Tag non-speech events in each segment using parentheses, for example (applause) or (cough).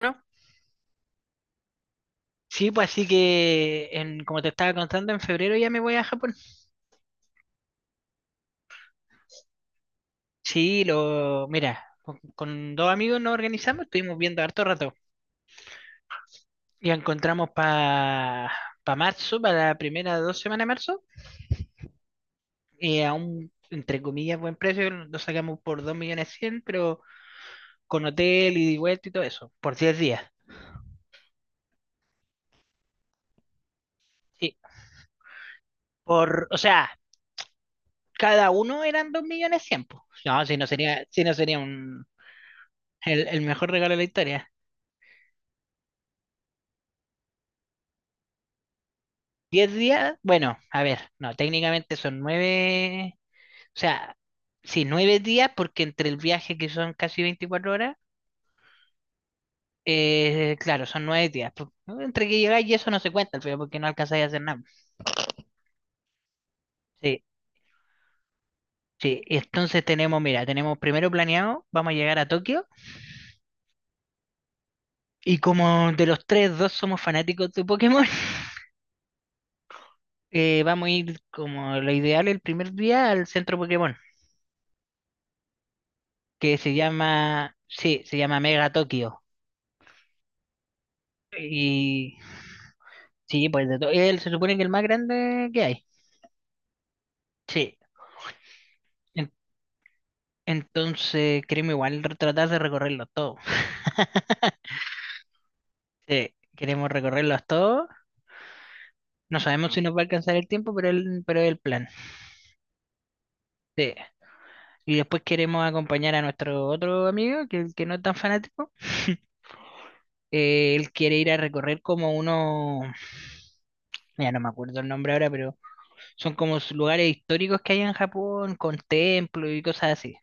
¿No? Sí, pues así que, como te estaba contando, en febrero ya me voy a Japón. Sí, mira, con dos amigos nos organizamos, estuvimos viendo harto rato y encontramos para pa pa marzo, para la primera 2 semanas de marzo, a un, entre comillas, buen precio, lo sacamos por 2.100.000 pero con hotel, ida y vuelta y todo eso, por 10 días. Sí, o sea, cada uno eran 2.100.000, pues. No, si no sería el mejor regalo de la historia. Diez días, bueno, a ver, no, técnicamente son nueve, o sea, sí, 9 días, porque entre el viaje, que son casi 24 horas, claro, son 9 días. Entre que llegáis y eso no se cuenta al final porque no alcanzáis a hacer nada. Sí, sí, y entonces tenemos, mira, tenemos primero planeado, vamos a llegar a Tokio, y como de los tres, dos somos fanáticos de Pokémon. (laughs) Vamos a ir, como lo ideal, el primer día al centro Pokémon, que se llama, sí, se llama Mega Tokio. Y Sí, pues de todo. Él, se supone que el más grande que hay. Sí. En- Entonces queremos igual tratar de recorrerlos todos. Sí, queremos recorrerlos todos. No sabemos si nos va a alcanzar el tiempo, pero pero es el plan. Sí. Y después queremos acompañar a nuestro otro amigo, que no es tan fanático. Él quiere ir a recorrer como uno, ya no me acuerdo el nombre ahora, pero son como lugares históricos que hay en Japón, con templos y cosas así.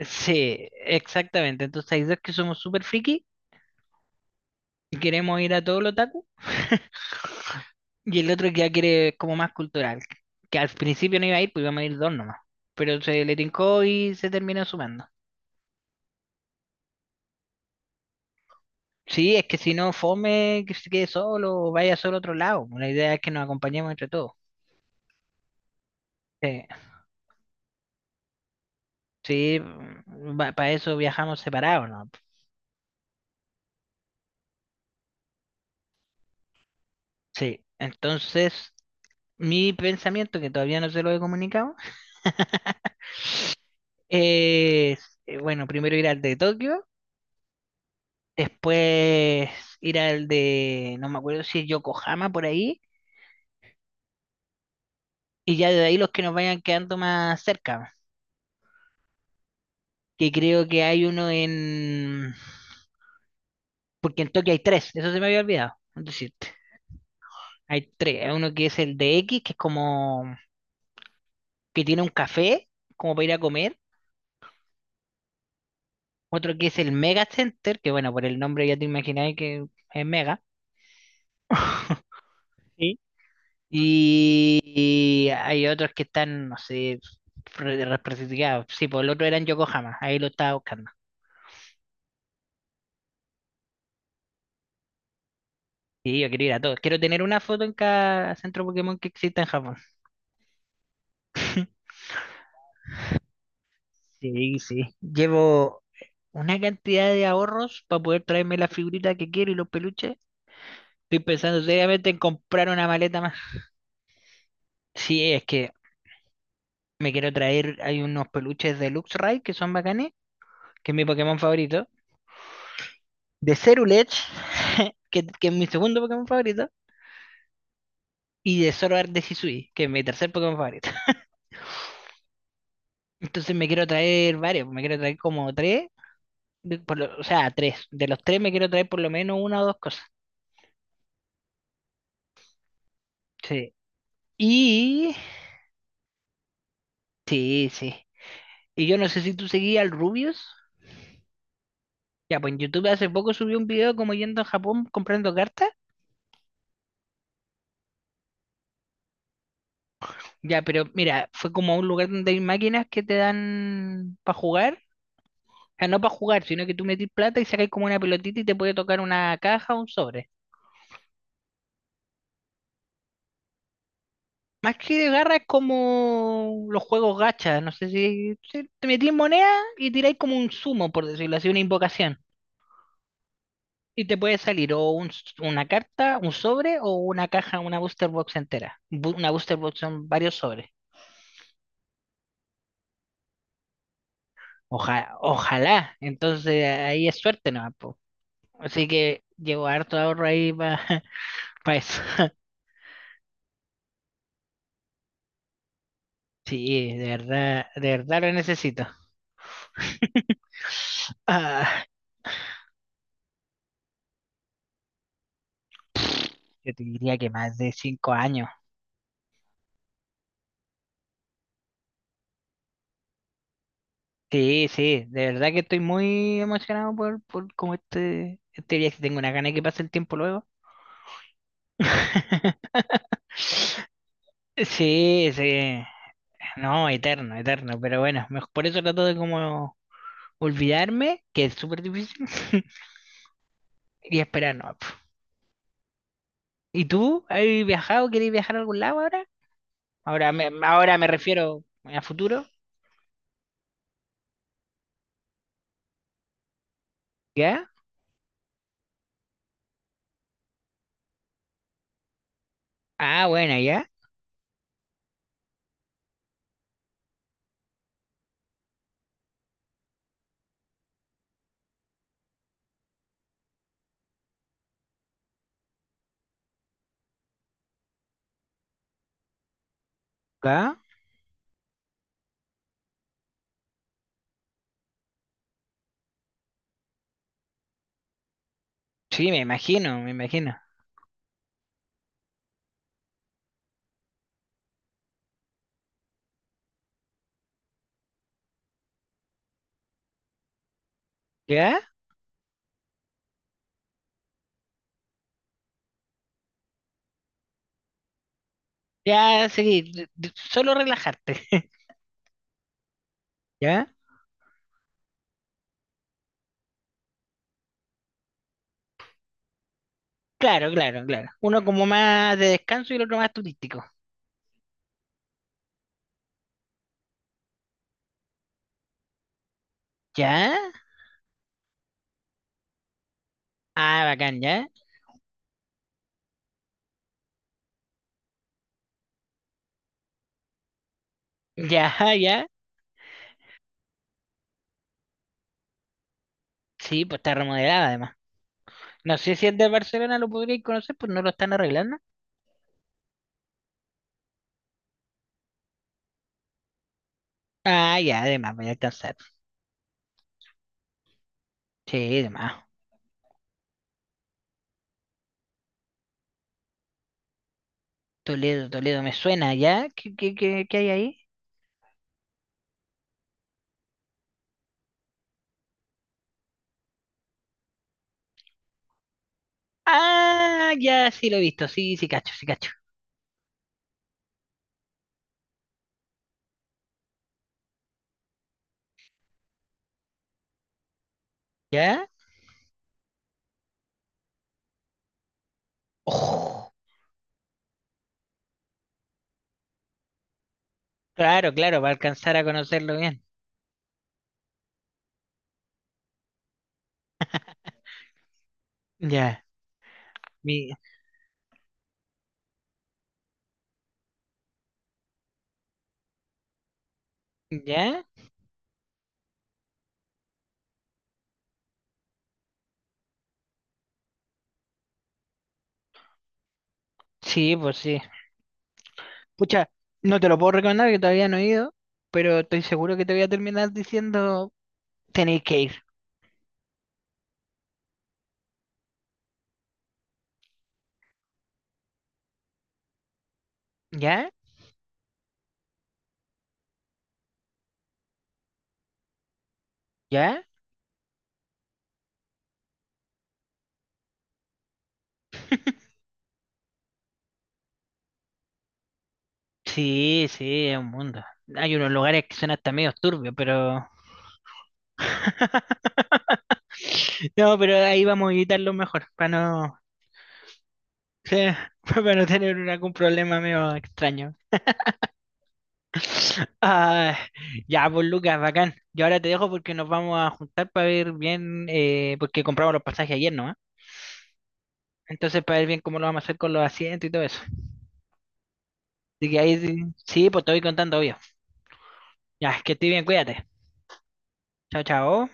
Sí, exactamente. Entonces hay dos que somos súper friki y queremos ir a todo lo otaku. (laughs) Y el otro, que ya quiere como más cultural, que al principio no iba a ir, pues íbamos a ir dos nomás, pero se le tincó y se terminó sumando. Sí, es que si no, fome, que se quede solo o vaya solo a otro lado; la idea es que nos acompañemos entre todos. Sí, sí, para eso viajamos separados, ¿no? Sí, entonces mi pensamiento, que todavía no se lo he comunicado, es, bueno, primero ir al de Tokio. Después ir al de, no me acuerdo si es Yokohama, por ahí, y ya de ahí los que nos vayan quedando más cerca, que creo que hay uno en, porque en Tokio hay tres, eso se me había olvidado, es decir, hay tres. Hay uno que es el de X, que es como, que tiene un café, como para ir a comer; otro que es el Mega Center, que bueno, por el nombre ya te imagináis que es Mega. Sí. Y hay otros que están, no sé, representados, sí, por el otro era en Yokohama, ahí lo estaba buscando. Sí, yo quiero ir a todos. Quiero tener una foto en cada centro Pokémon que exista en Japón. (laughs) Sí, sí. Llevo una cantidad de ahorros para poder traerme la figurita que quiero y los peluches. Estoy pensando seriamente en comprar una maleta más. Sí, es que me quiero traer, hay unos peluches de Luxray que son bacanes, que es mi Pokémon favorito. De Cerulege, (laughs) que es mi segundo Pokémon favorito. Y de Zoroark de Hisui, que es mi tercer Pokémon favorito. (laughs) Entonces me quiero traer varios, me quiero traer como tres o sea, tres. De los tres me quiero traer por lo menos una o dos cosas. Sí. Y... Sí, sí. Y yo no sé si tú seguías al Rubius. Ya, pues en YouTube hace poco subió un video como yendo a Japón comprando cartas. Ya, pero mira, fue como a un lugar donde hay máquinas que te dan para jugar. O sea, no para jugar, sino que tú metís plata y sacas como una pelotita y te puede tocar una caja o un sobre. Más que de garra, es como los juegos gacha. No sé si te metís moneda y tiráis como un sumo, por decirlo así, una invocación. Y te puede salir o un una carta, un sobre o una caja, una booster box entera. Una booster box son varios sobres. Ojalá. Entonces ahí es suerte, ¿no? Po. Así que llevo harto ahorro ahí para (laughs) eso. (laughs) Sí, de verdad lo necesito. (laughs) Ah, yo te diría que más de 5 años. Sí, sí, de verdad que estoy muy emocionado por, por este viaje. Tengo una gana de que pase el tiempo luego. (laughs) Sí, sí. No, eterno, eterno. Pero bueno, por eso trato de como olvidarme, que es súper difícil, (laughs) y esperar, no. pf. ¿Y tú? ¿Has viajado? ¿Quieres viajar a algún lado ahora? Ahora me refiero a futuro. ¿Ya? Ah, bueno, ya. ¿Ya? Sí, me imagino, me imagino. ¿Ya? Ya, seguí. Solo relajarte. (laughs) ¿Ya? Claro, claro, claro. Uno como más de descanso y el otro más turístico. ¿Ya? Ah, bacán, ¿ya? Ya, (laughs) ya. Sí, pues está remodelada además. No sé si el de Barcelona lo podríais conocer, pues no lo están arreglando. Ah, ya, además, voy a alcanzar. Sí, además. Toledo, Toledo, me suena, ¿ya? ¿Qué hay ahí? Ah, ya, sí lo he visto, sí, sí cacho, sí cacho. ¿Ya? Oh, claro, claro, para alcanzar a conocerlo bien. Ya, mi- ¿ya? Sí, pues sí. Pucha, no te lo puedo recomendar, que todavía no he ido, pero estoy seguro que te voy a terminar diciendo: tenéis que ir. ¿Ya? ¿Ya? Sí, sí, es un mundo. Hay unos lugares que son hasta medio turbios, pero... No, pero ahí vamos a evitarlo mejor, para no... Sí, (laughs) para no tener algún problema medio extraño. Ah, ya, pues Lucas, bacán. Yo ahora te dejo porque nos vamos a juntar para ver bien, porque compramos los pasajes ayer, ¿no? Entonces, para ver bien cómo lo vamos a hacer con los asientos y todo eso. Así que ahí sí, sí, pues te voy contando, obvio. Ya, que estés bien, cuídate. Chao, chao.